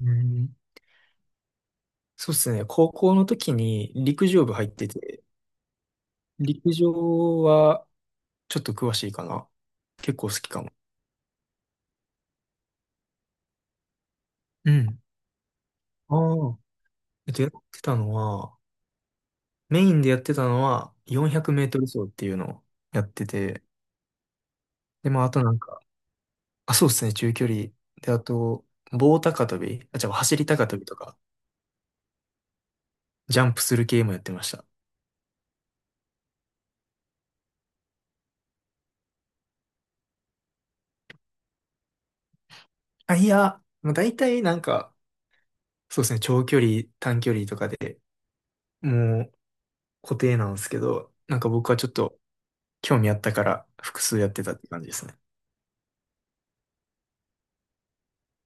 うん、そうですね。高校の時に陸上部入ってて、陸上はちょっと詳しいかな。結構好きかも。うん。ああ。やってたのは、メインでやってたのは400メートル走っていうのをやってて、で、まあ、あとなんか、あ、そうですね、中距離。で、あと、棒高跳び、あ、じゃあ走り高跳びとか、ジャンプする系もやってました。あ、いや、もう大体なんか、そうですね、長距離、短距離とかで、もう固定なんですけど、なんか僕はちょっと興味あったから複数やってたって感じですね。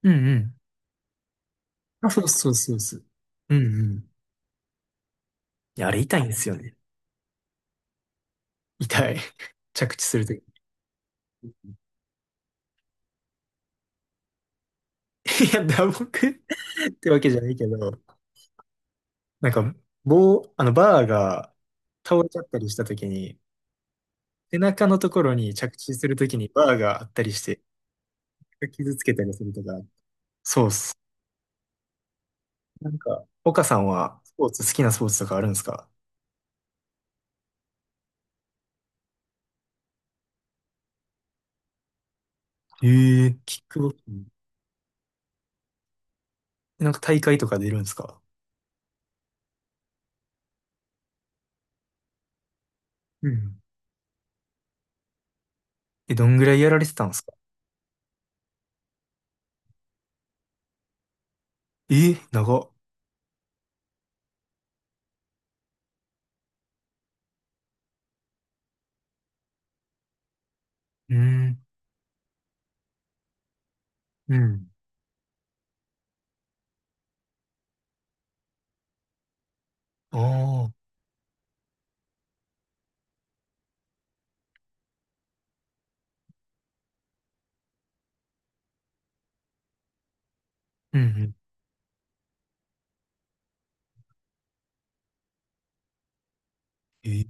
うんうん。あ、そうそうそうそう。うんうん。いや、あれ痛いんですよね。痛い。着地するとき。いや、打撲 ってわけじゃないけど、なんか、棒、あの、バーが倒れちゃったりしたときに、背中のところに着地するときにバーがあったりして、傷つけたりするとか。そうっす。なんか、岡さんはスポーツ、好きなスポーツとかあるんですか？ええ、キックボクシング。なんか大会とか出るんですか？うん。え、どんぐらいやられてたんですか？え、長っ。うん。うん。ああ、うんうん。えー、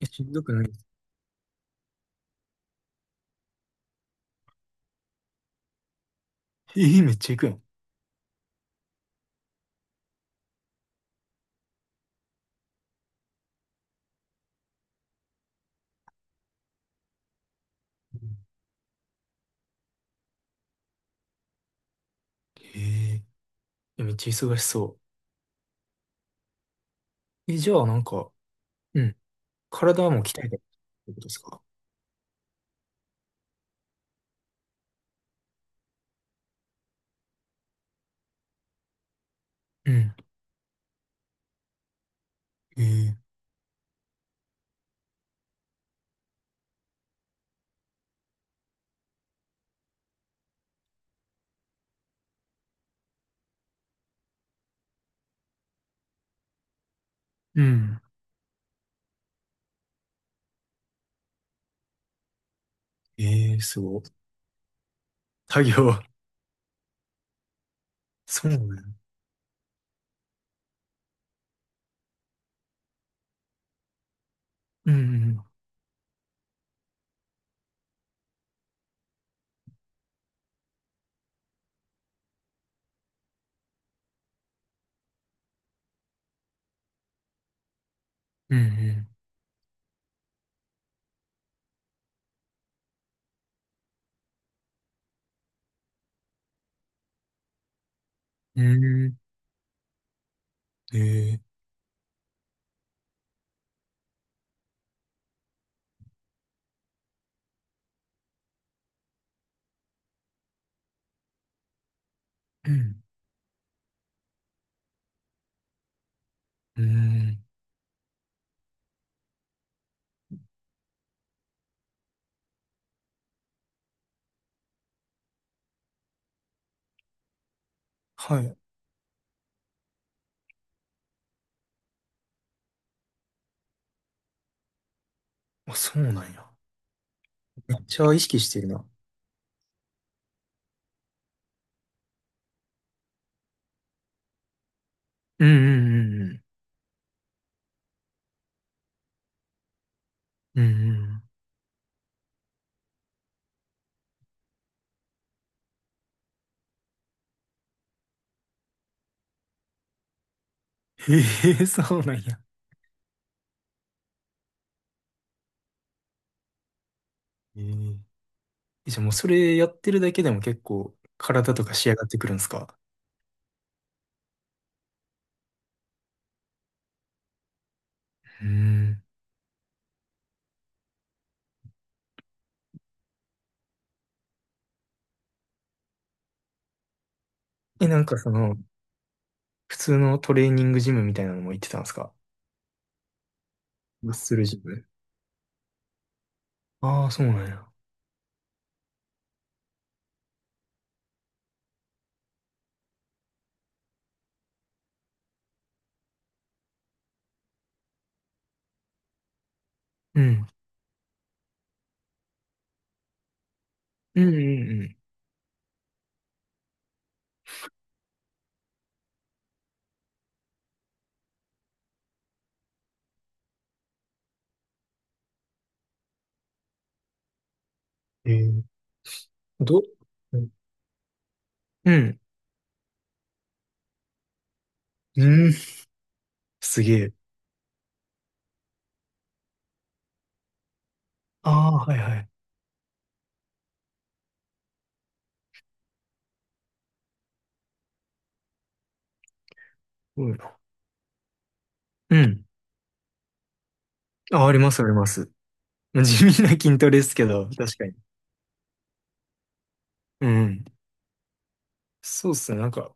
え、しんどくないです？えー、めっちゃ行くやん。うん。えー。え、めっちゃ忙しそう。え、じゃあなんか、うん。体も鍛えたってことですか？うん。えー。うん。えー、すごい。作業。そうなん？うん。うん。うん。うん。えー。うんうん。はい。あ、そうなんや。めっちゃ意識してるな。うんうんうんうん。うんうん。へえ、そうなんや。ええ。じゃあもうそれやってるだけでも結構体とか仕上がってくるんですか？うん。え、なんかその、普通のトレーニングジムみたいなのも行ってたんですか？マッスルジム。ああ、そうなんや。うん。うんうんうん。えー、ど、うんうん。うん。すげえ。ああ、はいはい。うんうん。あ、ありますあります。地味な筋トレですけど、確かに。うん。そうっすね。なんか、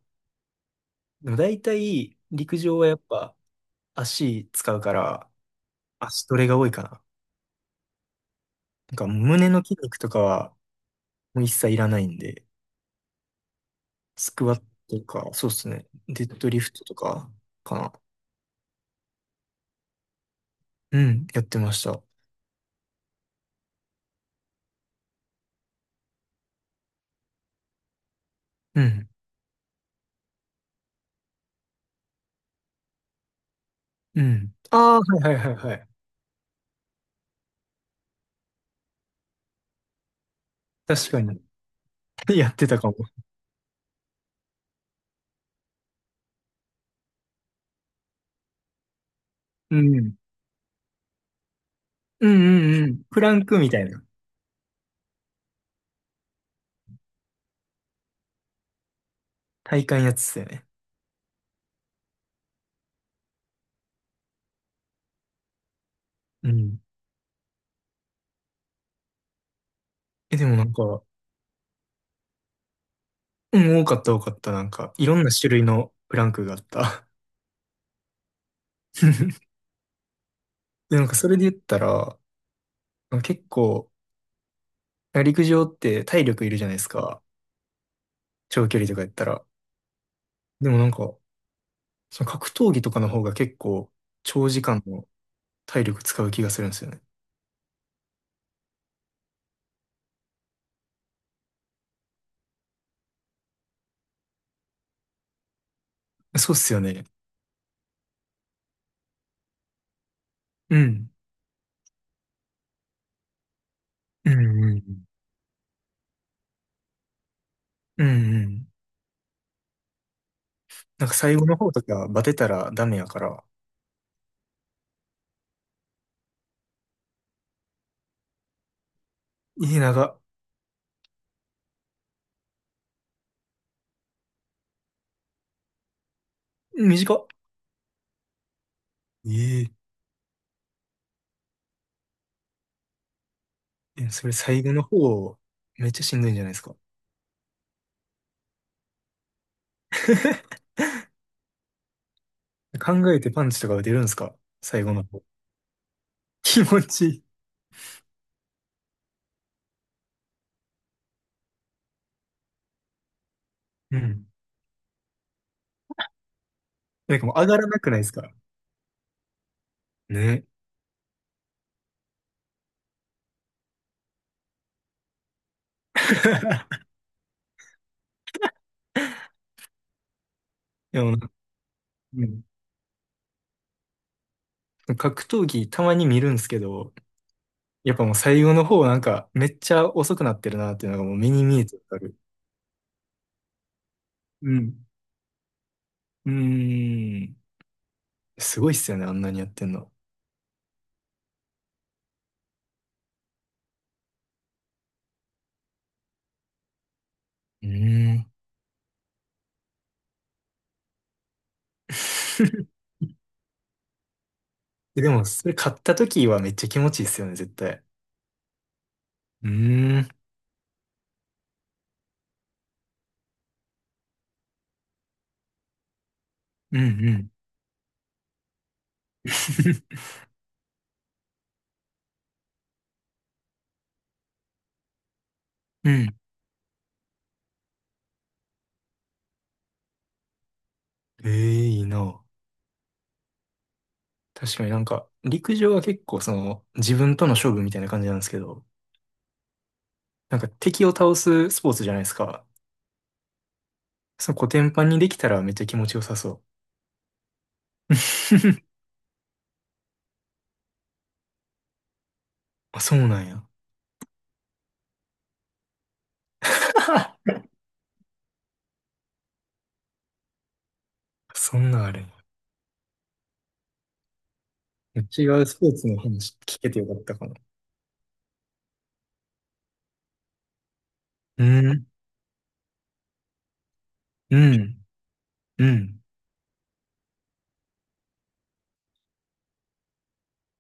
でも大体、陸上はやっぱ足使うから、足トレが多いかな。なんか胸の筋肉とかはもう一切いらないんで、スクワットとか、そうですね。デッドリフトとか、かな。うん、やってました。うん、うん。ああ、はいはいはいはい。確かに。やってたかも。うん。うんうんうん。プランクみたいな。体幹やつだよね。うん。え、でもなんか、うん、多かった多かった。なんか、いろんな種類のプランクがあった。で、なんかそれで言ったら、結構、陸上って体力いるじゃないですか。長距離とかやったら。でもなんか、その格闘技とかの方が結構、長時間の体力使う気がするんですよね。そうっすよね。うん。うんうんうんうんうん。なんか最後の方とかバテたらダメやから。いい長っ。短っ。ええ。え、それ最後の方、めっちゃしんどいんじゃないですか。考えてパンチとか打てるんですか？最後の方。気持ちいい。うん。なんかもう上がらなくないですか？ね。でもな、うん、格闘技たまに見るんですけど、やっぱもう最後の方なんかめっちゃ遅くなってるなっていうのがもう目に見えてわかる。うん。うーん。すごいっすよね、あんなにやってんの。うーん。でも、それ買った時はめっちゃ気持ちいいっすよね、絶対。うーん。うんうん。うん。ええ、いいな。確かになんか、陸上は結構その、自分との勝負みたいな感じなんですけど、なんか敵を倒すスポーツじゃないですか。そのコテンパンにできたらめっちゃ気持ちよさそう。あ、そうなんや。そんなんあれ。違うスポーツの話聞けてよかったかな。うん。うん。うん。